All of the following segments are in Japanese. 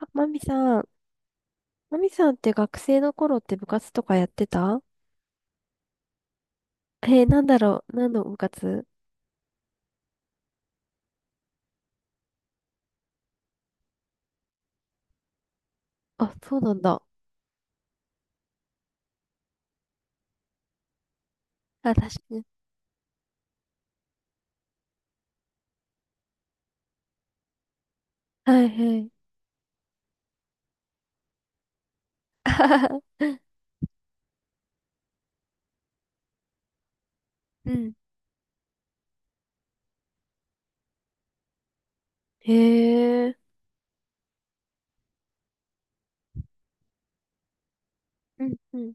あマミさん、マミさんって学生の頃って部活とかやってた？なんだろう、何の部活？あ、そうなんだ。あ、確かに。はいはい。あはは。うん。へえ。うんうん。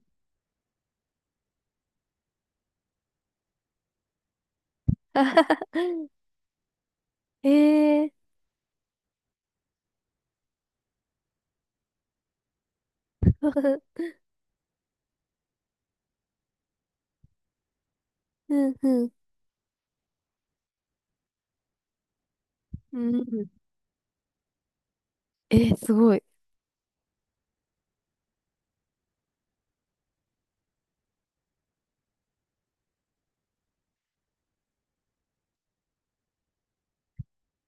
あはは。へえ。うんうん。うんうん。えー、すごい。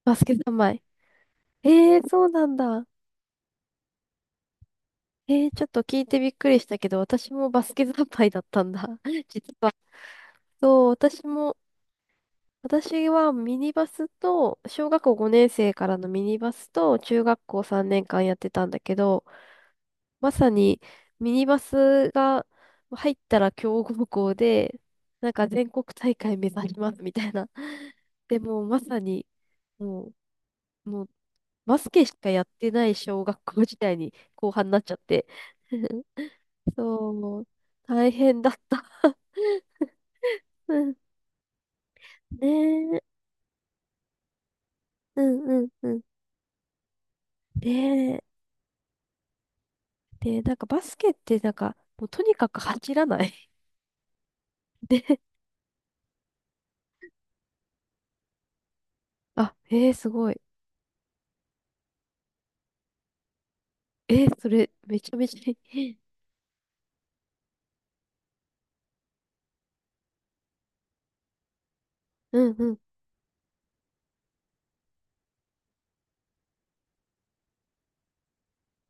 バスケ三昧。えー、そうなんだ。えー、ちょっと聞いてびっくりしたけど、私もバスケ三昧だったんだ。実は。そう、私も、私はミニバスと、小学校5年生からのミニバスと、中学校3年間やってたんだけど、まさにミニバスが入ったら強豪校で、なんか全国大会目指しますみたいな。でもうまさに、ももうバスケしかやってない小学校時代に後半になっちゃって。そう、もう大変だった。うん。ねえ、うんうんうん。ねえ。で、なんかバスケってなんか、もうとにかく走らない。で、あ、えー、すごい。えー、それ、めちゃめちゃいい。うんうん。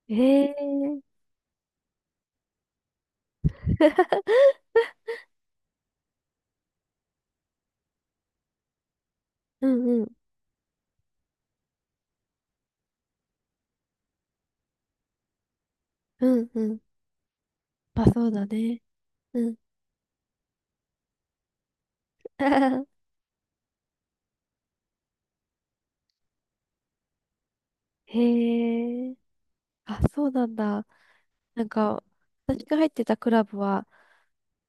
ええー。うんうん。うんうん。まあそうだね。うん。へえ。あ、そうなんだ。なんか、私が入ってたクラブは、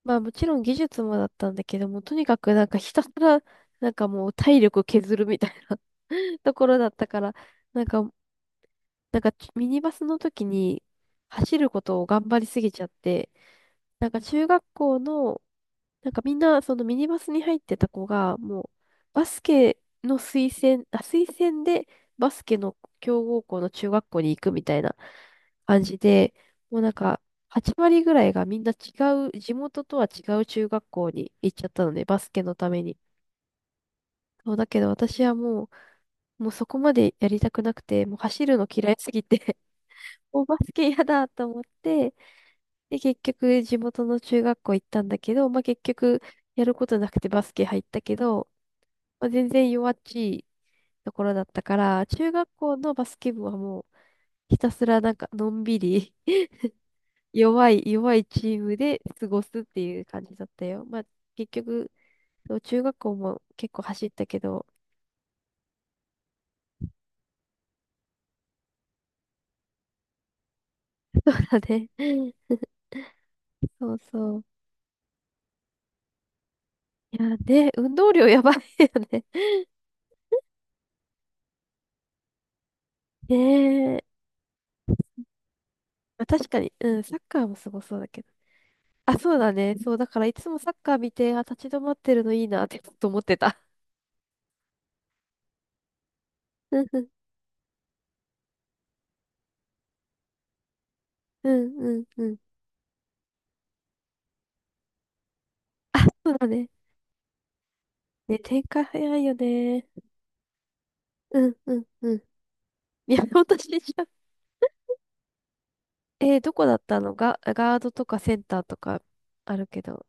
まあもちろん技術もだったんだけども、とにかくなんかひたすら、なんかもう体力削るみたいな ところだったから、なんかなんかミニバスの時に走ることを頑張りすぎちゃって、なんか中学校の、なんかみんなそのミニバスに入ってた子が、もうバスケの推薦、あ、推薦でバスケの強豪校の中学校に行くみたいな感じで、もうなんか8割ぐらいがみんな違う、地元とは違う中学校に行っちゃったので、バスケのために。そうだけど私はもう、もうそこまでやりたくなくて、もう走るの嫌いすぎておバスケ嫌だと思って、で、結局地元の中学校行ったんだけど、まあ、結局やることなくてバスケ入ったけど、まあ、全然弱っちいところだったから、中学校のバスケ部はもうひたすらなんかのんびり 弱い弱いチームで過ごすっていう感じだったよ。まあ、結局、そう中学校も結構走ったけど、ね、そうそう。いや、ね、運動量やばいよね。ねえ。まあ、確かに、うん、サッカーもすごそうだけど。あ、そうだね。そう、だからいつもサッカー見て、あ、立ち止まってるのいいなってちょっと思ってた。うんうん、うん、うん、うん。そうだね。ね、展開早いよね。うん、うん、うん。いや、私じゃん、どこだったのが、ガードとかセンターとかあるけど。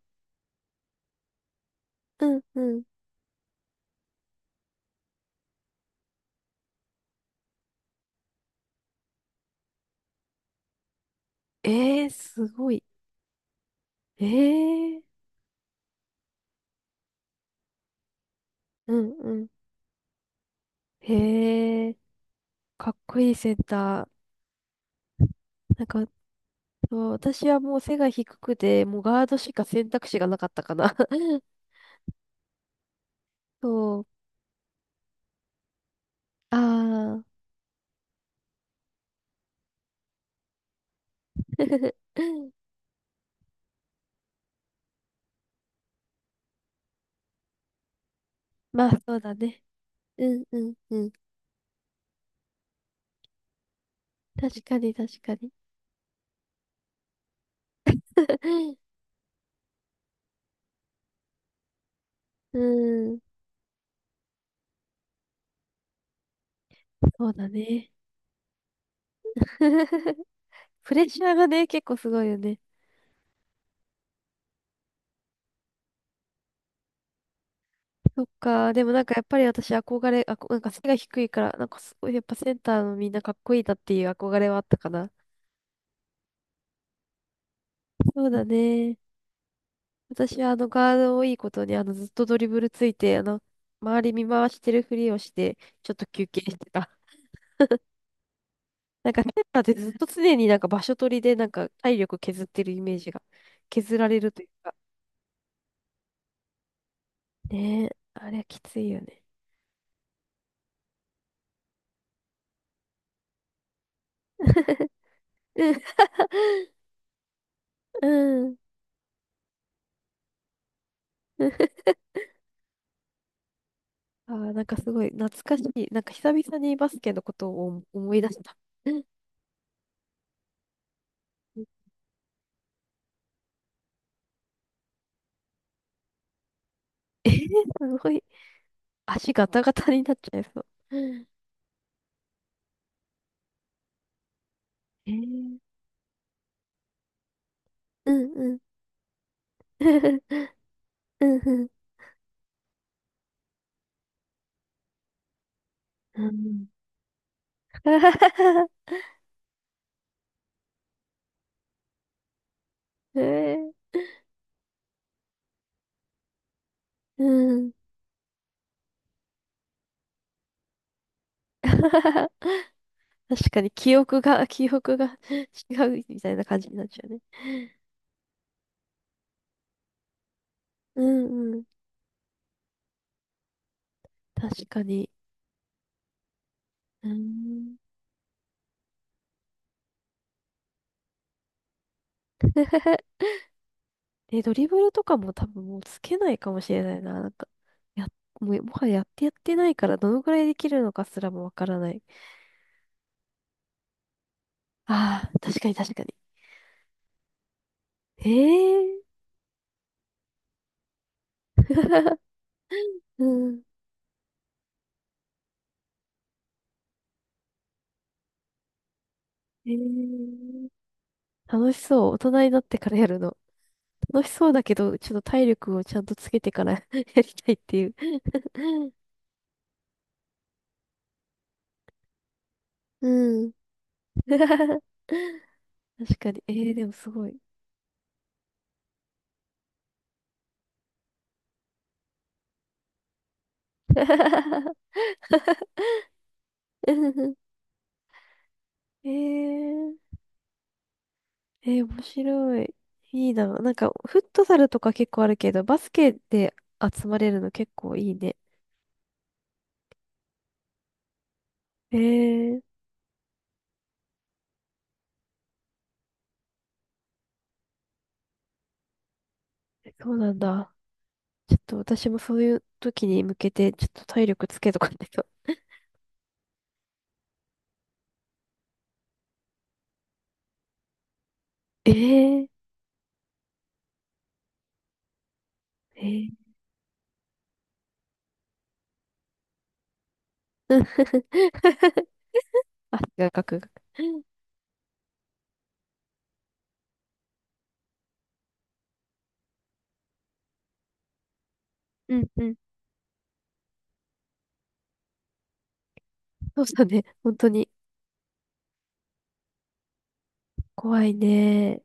うん、うん。えー、すごい。えー、うん、うん。へえ、かっこいいセンター。なんか、そう私はもう背が低くて、もうガードしか選択肢がなかったかな。そう。ああ。まあ、そうだね。うんうんうん。確かに確かに。うん、そうだね。プレッシャーがね、結構すごいよね。そっか、でもなんかやっぱり私憧れ、なんか背が低いから、なんかすごいやっぱセンターのみんなかっこいいなっていう憧れはあったかな。そうだね。私はあのガードをいいことにあのずっとドリブルついて、あの、周り見回してるふりをして、ちょっと休憩してた。なんか、ケンタってずっと常になんか場所取りでなんか体力削ってるイメージが、削られるというか。ねえ、あれはきついよね。うん。あー、なんかすごい懐かしい。なんか久々にバスケのことを思い出した。うん。すごい。足ガタガタになっちゃいそう。うん。えー、うんうん。うんうん。うん。えー、うん。確かに記憶が、記憶が 違うみたいな感じになっちゃうね。うんうん。確かに。うん。え、ドリブルとかも多分もうつけないかもしれないな。なんか、や、もう、もはややってやってないから、どのくらいできるのかすらもわからない。ああ、確かに確かに。へえ。うん。へえ。楽しそう。大人になってからやるの？楽しそうだけど、ちょっと体力をちゃんとつけてから やりたいっていう。うん。確かに。えー、でもすごい。えー、えー、面白い。いいな。なんか、フットサルとか結構あるけど、バスケで集まれるの結構いいね。えー、そうなんだ。ちょっと私もそういう時に向けて、ちょっと体力つけとかないと。えー、えー、あ、がかく。うんうん。そうだね。本当に。怖いね。